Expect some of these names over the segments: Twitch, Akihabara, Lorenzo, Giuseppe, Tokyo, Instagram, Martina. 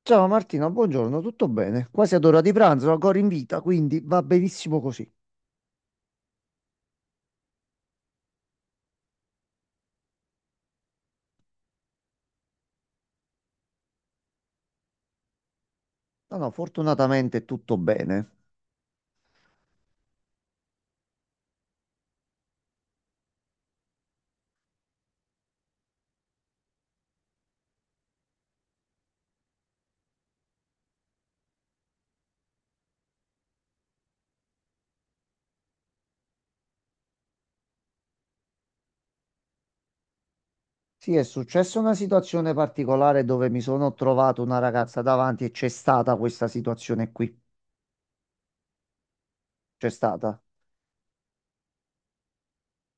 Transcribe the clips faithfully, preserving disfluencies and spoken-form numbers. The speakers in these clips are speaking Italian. Ciao Martina, buongiorno, tutto bene? Quasi ad ora di pranzo, ancora in vita, quindi va benissimo così. No, no, fortunatamente tutto bene. Sì, è successa una situazione particolare dove mi sono trovato una ragazza davanti e c'è stata questa situazione qui. C'è stata.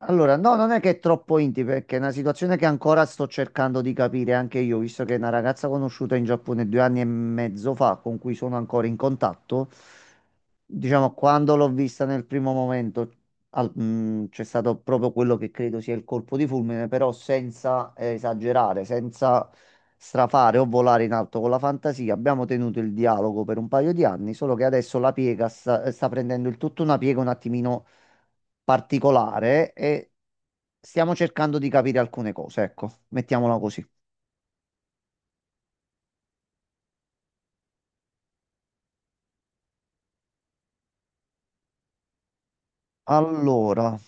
Allora, no, non è che è troppo intimo, perché è una situazione che ancora sto cercando di capire anche io, visto che è una ragazza conosciuta in Giappone due anni e mezzo fa, con cui sono ancora in contatto. Diciamo, quando l'ho vista nel primo momento, al- mh, c'è stato proprio quello che credo sia il colpo di fulmine, però senza eh, esagerare, senza strafare o volare in alto con la fantasia. Abbiamo tenuto il dialogo per un paio di anni, solo che adesso la piega sta, sta prendendo il tutto una piega un attimino particolare e stiamo cercando di capire alcune cose, ecco, mettiamola così. Allora,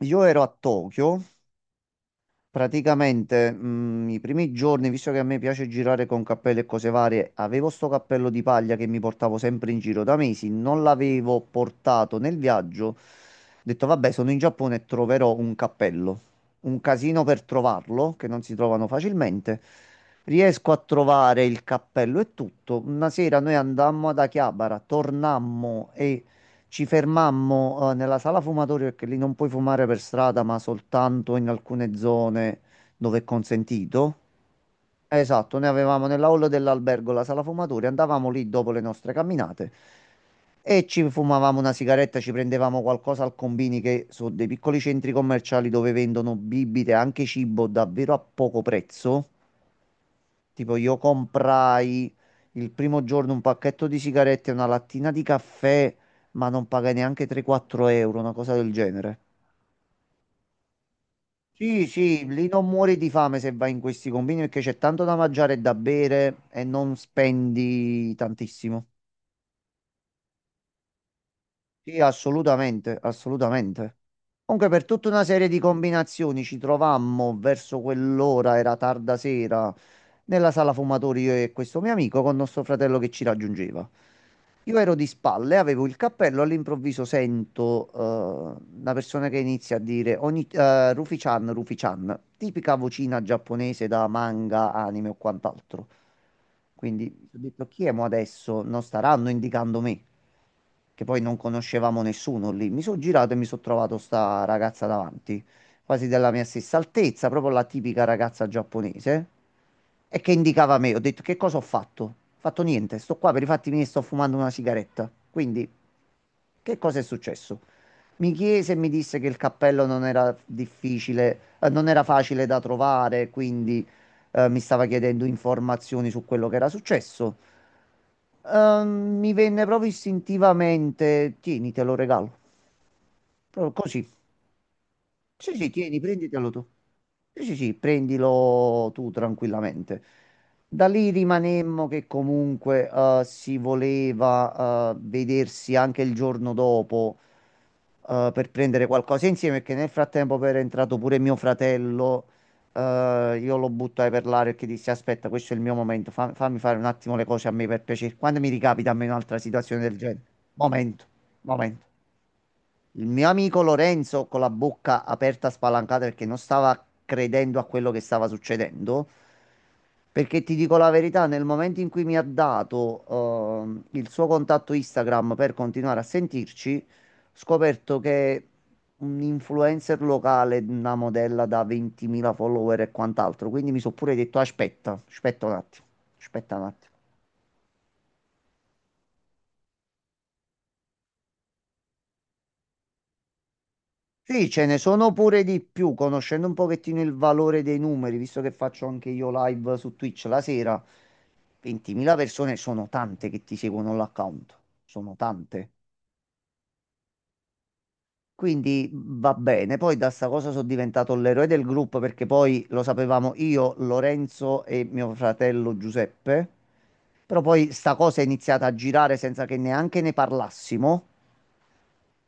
io ero a Tokyo. Praticamente, mm, i primi giorni, visto che a me piace girare con cappelli e cose varie, avevo sto cappello di paglia che mi portavo sempre in giro da mesi, non l'avevo portato nel viaggio. Ho detto, vabbè, sono in Giappone e troverò un cappello. Un casino per trovarlo, che non si trovano facilmente. Riesco a trovare il cappello e tutto. Una sera noi andammo ad Akihabara, tornammo e ci fermammo, eh, nella sala fumatori perché lì non puoi fumare per strada, ma soltanto in alcune zone dove è consentito. Esatto, noi avevamo nella hall dell'albergo la sala fumatori, andavamo lì dopo le nostre camminate e ci fumavamo una sigaretta, ci prendevamo qualcosa al combini che sono dei piccoli centri commerciali dove vendono bibite, anche cibo davvero a poco prezzo. Tipo, io comprai il primo giorno un pacchetto di sigarette e una lattina di caffè, ma non pagai neanche tre-quattro euro, una cosa del genere. Sì, sì, lì non muori di fame se vai in questi convini perché c'è tanto da mangiare e da bere e non spendi tantissimo. Sì, assolutamente, assolutamente. Comunque per tutta una serie di combinazioni ci trovammo verso quell'ora, era tarda sera, nella sala fumatori io e questo mio amico con nostro fratello che ci raggiungeva. Io ero di spalle, avevo il cappello, all'improvviso sento eh, una persona che inizia a dire ogni, eh, Rufi-chan, Rufi-chan, tipica vocina giapponese da manga, anime o quant'altro. Quindi ho detto chi è mo adesso? Non staranno indicando me che poi non conoscevamo nessuno lì. Mi sono girato e mi sono trovato sta ragazza davanti, quasi della mia stessa altezza, proprio la tipica ragazza giapponese, e che indicava me. Ho detto, che cosa ho fatto? Ho fatto niente, sto qua per i fatti miei, sto fumando una sigaretta. Quindi, che cosa è successo? Mi chiese e mi disse che il cappello non era difficile, eh, non era facile da trovare, quindi eh, mi stava chiedendo informazioni su quello che era successo. Ehm, mi venne proprio istintivamente, tieni, te lo regalo. Proprio così, sì, sì, tieni, prenditelo tu. Sì, sì, sì, prendilo tu tranquillamente. Da lì rimanemmo che comunque eh, si voleva eh, vedersi anche il giorno dopo eh, per prendere qualcosa insieme, perché nel frattempo era entrato pure mio fratello. Eh, io lo buttai per l'aria perché dissi: aspetta, questo è il mio momento, fa- fammi fare un attimo le cose a me per piacere. Quando mi ricapita a me un'altra situazione del genere? Momento, momento. Il mio amico Lorenzo, con la bocca aperta spalancata perché non stava credendo a quello che stava succedendo, perché ti dico la verità, nel momento in cui mi ha dato ehm, il suo contatto Instagram per continuare a sentirci, ho scoperto che un influencer locale, una modella da ventimila follower e quant'altro, quindi mi sono pure detto aspetta, aspetta un attimo, aspetta un attimo. Sì, ce ne sono pure di più, conoscendo un pochettino il valore dei numeri, visto che faccio anche io live su Twitch la sera, ventimila persone sono tante che ti seguono l'account, sono tante. Quindi mhmm, va bene, poi da sta cosa sono diventato l'eroe del gruppo perché poi lo sapevamo io, Lorenzo e mio fratello Giuseppe, però poi sta cosa è iniziata a girare senza che neanche ne parlassimo.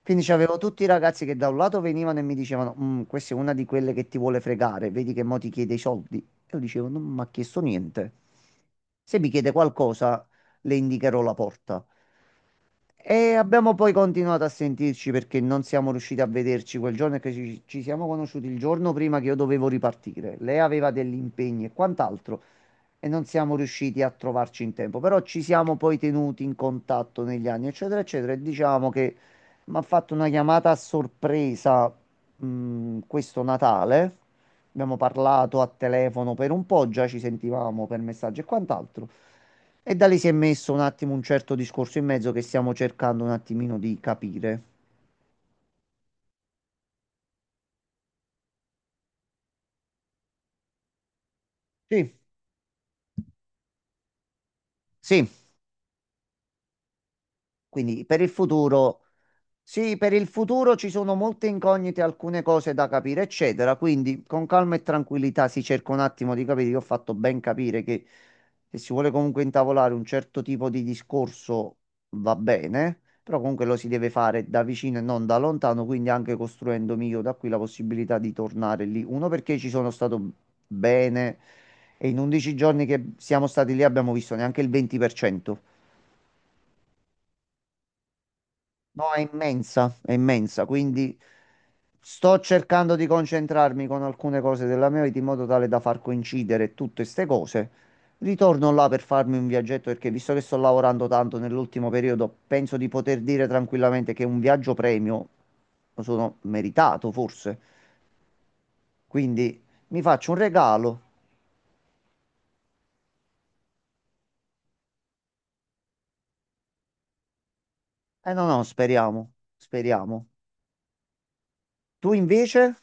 Quindi c'avevo tutti i ragazzi che da un lato venivano e mi dicevano: "Mm, questa è una di quelle che ti vuole fregare, vedi che mo ti chiede i soldi." E io dicevo: non mi ha chiesto niente. Se mi chiede qualcosa, le indicherò la porta. E abbiamo poi continuato a sentirci perché non siamo riusciti a vederci quel giorno e che ci, ci siamo conosciuti il giorno prima che io dovevo ripartire. Lei aveva degli impegni e quant'altro e non siamo riusciti a trovarci in tempo, però ci siamo poi tenuti in contatto negli anni, eccetera, eccetera, e diciamo che mi ha fatto una chiamata a sorpresa, mh, questo Natale. Abbiamo parlato a telefono per un po', già ci sentivamo per messaggi e quant'altro. E da lì si è messo un attimo un certo discorso in mezzo che stiamo cercando un attimino di capire. Sì. Sì, quindi per il futuro Sì, per il futuro ci sono molte incognite, alcune cose da capire, eccetera. Quindi con calma e tranquillità si cerca un attimo di capire. Io ho fatto ben capire che se si vuole comunque intavolare un certo tipo di discorso va bene, però comunque lo si deve fare da vicino e non da lontano, quindi anche costruendomi io da qui la possibilità di tornare lì. Uno perché ci sono stato bene e in undici giorni che siamo stati lì abbiamo visto neanche il venti per cento. No, è immensa, è immensa, quindi sto cercando di concentrarmi con alcune cose della mia vita in modo tale da far coincidere tutte queste cose. Ritorno là per farmi un viaggetto perché visto che sto lavorando tanto nell'ultimo periodo, penso di poter dire tranquillamente che un viaggio premio lo sono meritato, forse. Quindi mi faccio un regalo. Eh no, no, speriamo, speriamo. Tu invece?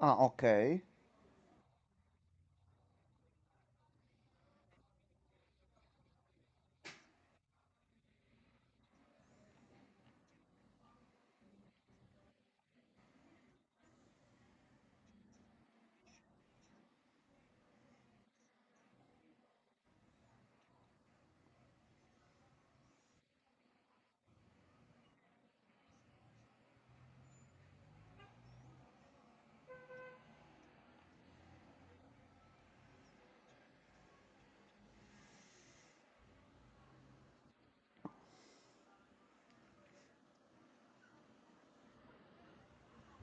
Ah, ok.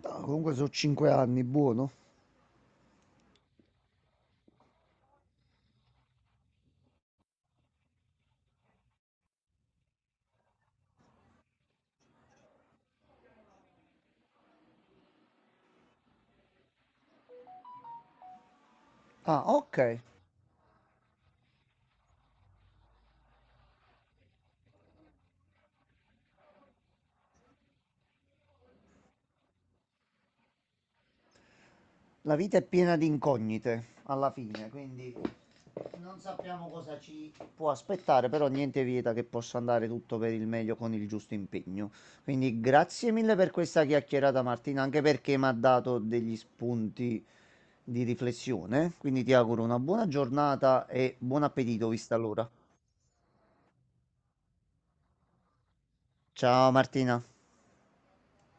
No, comunque sono cinque anni, buono. Ah, ok. La vita è piena di incognite alla fine, quindi non sappiamo cosa ci può aspettare, però niente vieta che possa andare tutto per il meglio con il giusto impegno. Quindi grazie mille per questa chiacchierata Martina, anche perché mi ha dato degli spunti di riflessione. Quindi ti auguro una buona giornata e buon appetito vista l'ora. Ciao Martina.